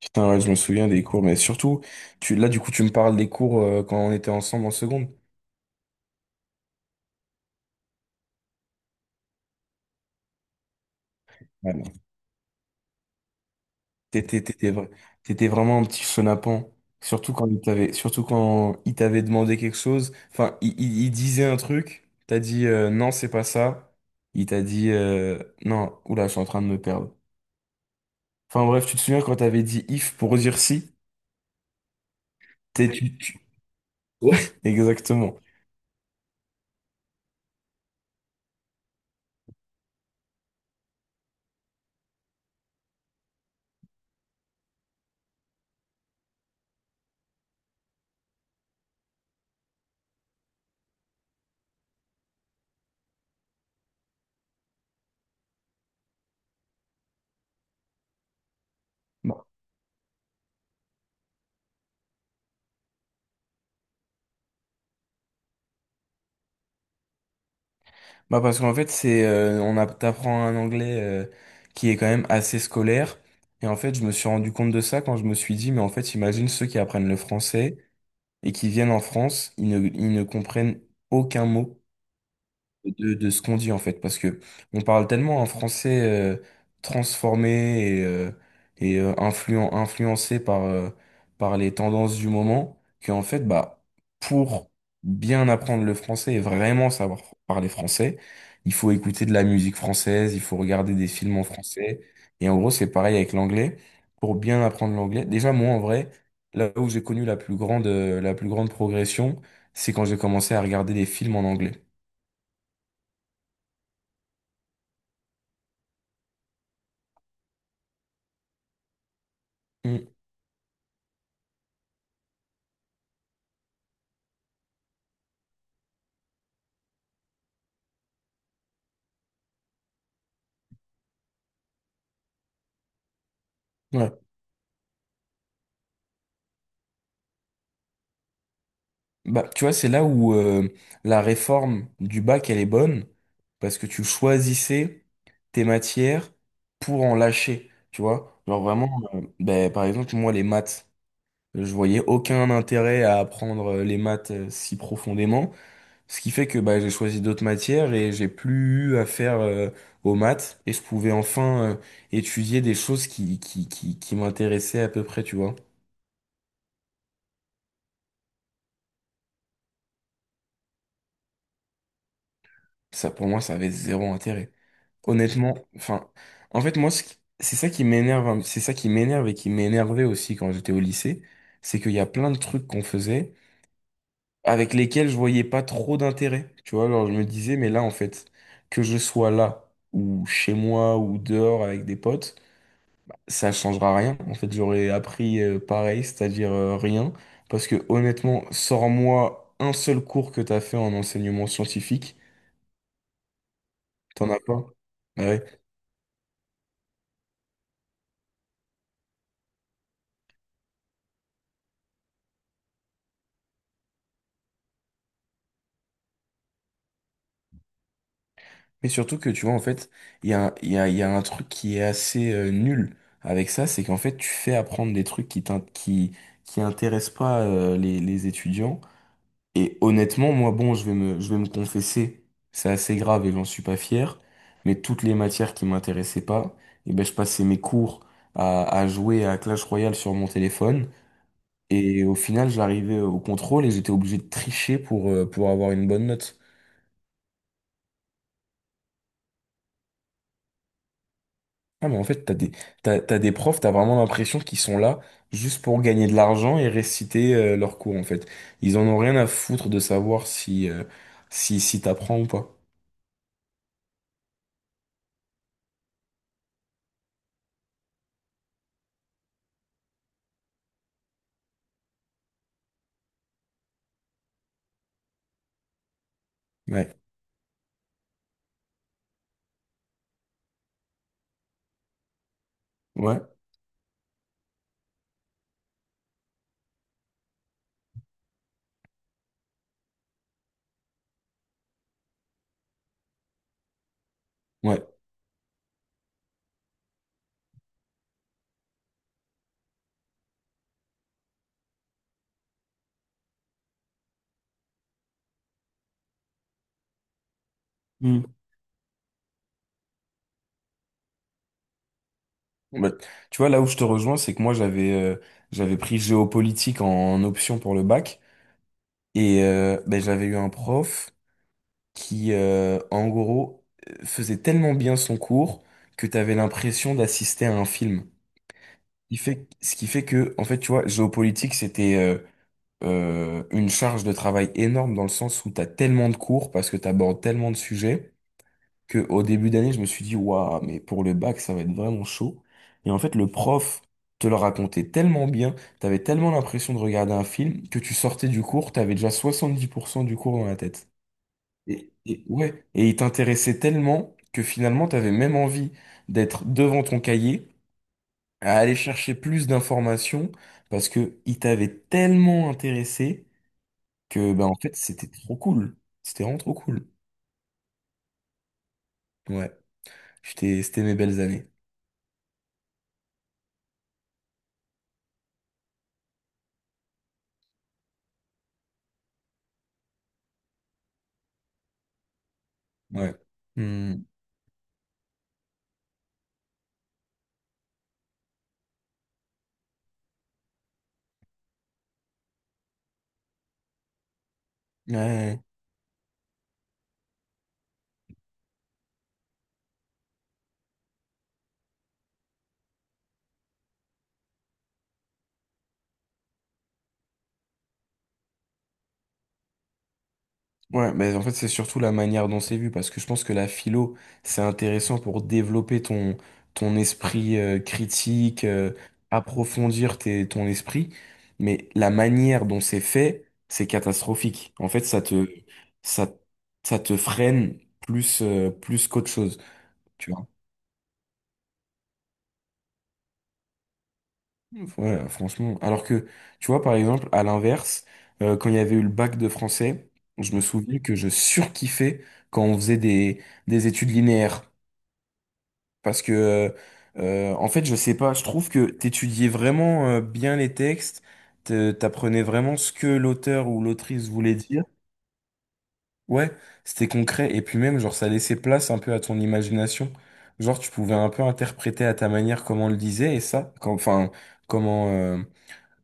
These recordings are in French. Putain, ouais, je me souviens des cours, mais surtout, tu, là, du coup, tu me parles des cours quand on était ensemble en seconde. Ouais, mais T'étais, t'étais, vra- t'étais vraiment un petit chenapan. Surtout quand il t'avait demandé quelque chose. Enfin, il disait un truc, t'as dit non, c'est pas ça. Il t'a dit non, oula, je suis en train de me perdre. Enfin bref, tu te souviens quand t'avais dit if pour dire si? T'es, tu, tu- Exactement. Bah, Bah parce qu'en fait c'est on a t'apprends un anglais qui est quand même assez scolaire, et en fait je me suis rendu compte de ça quand je me suis dit mais en fait imagine ceux qui apprennent le français et qui viennent en France, ils ne comprennent aucun mot de ce qu'on dit en fait, parce que on parle tellement un français transformé et influencé par les tendances du moment, qu'en fait, bah, pour bien apprendre le français et vraiment savoir parler français, il faut écouter de la musique française, il faut regarder des films en français, et en gros, c'est pareil avec l'anglais. Pour bien apprendre l'anglais, déjà moi en vrai, là où j'ai connu la plus grande progression, c'est quand j'ai commencé à regarder des films en anglais. Mm. Ouais. Bah, tu vois, c'est là où la réforme du bac, elle est bonne, parce que tu choisissais tes matières pour en lâcher, tu vois. Genre vraiment, ben, par exemple, moi, les maths, je voyais aucun intérêt à apprendre les maths si profondément, ce qui fait que bah, j'ai choisi d'autres matières et j'ai plus eu à faire aux maths, et je pouvais enfin étudier des choses qui m'intéressaient à peu près, tu vois. Ça, pour moi, ça avait zéro intérêt. Honnêtement, enfin, en fait, moi, c'est ça qui m'énerve, c'est ça qui m'énerve et qui m'énervait aussi quand j'étais au lycée, c'est qu'il y a plein de trucs qu'on faisait avec lesquels je voyais pas trop d'intérêt. Tu vois, alors je me disais, mais là, en fait, que je sois là, ou chez moi, ou dehors avec des potes, ça changera rien. En fait, j'aurais appris pareil, c'est-à-dire rien. Parce que honnêtement, sors-moi un seul cours que t'as fait en enseignement scientifique, t'en as pas. Ah, ouais. Mais surtout que tu vois, en fait, il y a un truc qui est assez nul avec ça, c'est qu'en fait, tu fais apprendre des trucs qui intéressent pas les étudiants. Et honnêtement, moi, bon, je vais me confesser, c'est assez grave et j'en suis pas fier, mais toutes les matières qui m'intéressaient pas, et ben, je passais mes cours à jouer à Clash Royale sur mon téléphone. Et au final, j'arrivais au contrôle et j'étais obligé de tricher pour avoir une bonne note. Ah, mais en fait, t'as des profs, t'as vraiment l'impression qu'ils sont là juste pour gagner de l'argent et réciter leurs cours, en fait. Ils en ont rien à foutre de savoir si t'apprends ou pas. Ouais, ouais, ouais. Hmm. Bah, tu vois, là où je te rejoins, c'est que moi, j'avais pris géopolitique en option pour le bac. Et ben, j'avais eu un prof en gros, faisait tellement bien son cours que t'avais l'impression d'assister à un film. Ce qui fait que, en fait, tu vois, géopolitique, c'était une charge de travail énorme dans le sens où t'as tellement de cours parce que t'abordes tellement de sujets que au début d'année, je me suis dit, waouh, mais pour le bac, ça va être vraiment chaud. Et en fait, le prof te le racontait tellement bien, t'avais tellement l'impression de regarder un film que tu sortais du cours, t'avais déjà 70% du cours dans la tête. Et ouais, et il t'intéressait tellement que finalement, t'avais même envie d'être devant ton cahier à aller chercher plus d'informations parce que il t'avait tellement intéressé que ben en fait c'était trop cool. C'était vraiment trop cool. Ouais. J'étais, c'était mes belles années. Ouais. Hmm. Ouais, ouais. Ouais, mais en fait, c'est surtout la manière dont c'est vu, parce que je pense que la philo, c'est intéressant pour développer ton esprit critique, approfondir ton esprit, mais la manière dont c'est fait, c'est catastrophique. En fait, ça, ça te freine plus qu'autre chose, tu vois. Ouais, franchement. Alors que, tu vois, par exemple, à l'inverse, quand il y avait eu le bac de français, je me souviens que je surkiffais quand on faisait des études linéaires. Parce que, euh, En fait, je sais pas, je trouve que t'étudiais vraiment bien les textes, t'apprenais vraiment ce que l'auteur ou l'autrice voulait dire. Ouais, c'était concret. Et puis même, genre, ça laissait place un peu à ton imagination. Genre, tu pouvais un peu interpréter à ta manière comment on le disait et ça, enfin, comment, euh,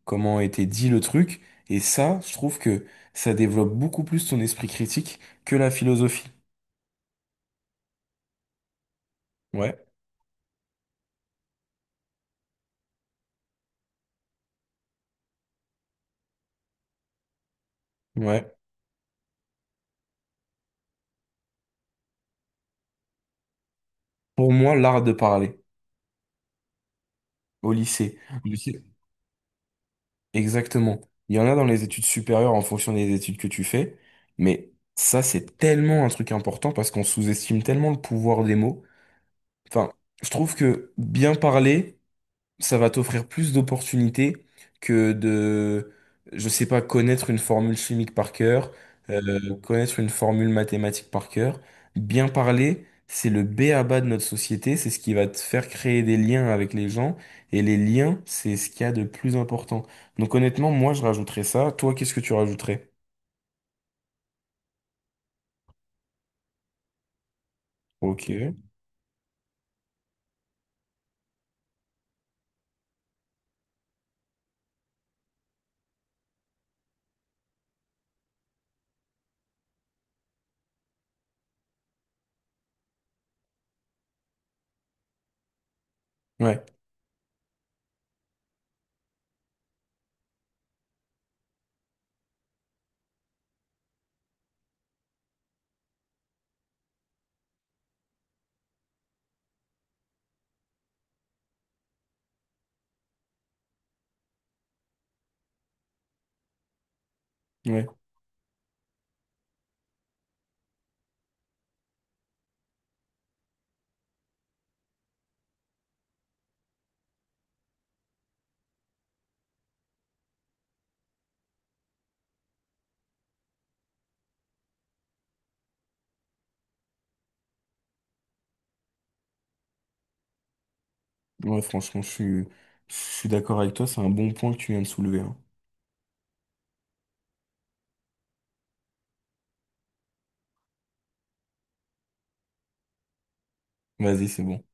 comment était dit le truc. Et ça, je trouve que ça développe beaucoup plus ton esprit critique que la philosophie. Ouais, ouais. Pour moi, l'art de parler au lycée. Exactement. Il y en a dans les études supérieures en fonction des études que tu fais, mais ça, c'est tellement un truc important parce qu'on sous-estime tellement le pouvoir des mots. Enfin, je trouve que bien parler, ça va t'offrir plus d'opportunités que de, je sais pas, connaître une formule chimique par cœur, connaître une formule mathématique par cœur. Bien parler, c'est le b.a.-ba de notre société, c'est ce qui va te faire créer des liens avec les gens, et les liens, c'est ce qu'il y a de plus important. Donc honnêtement, moi, je rajouterais ça. Toi, qu'est-ce que tu rajouterais? Ok. Ouais, ouais, ouais, franchement, je suis d'accord avec toi, c'est un bon point que tu viens de soulever, hein. Vas-y, c'est bon.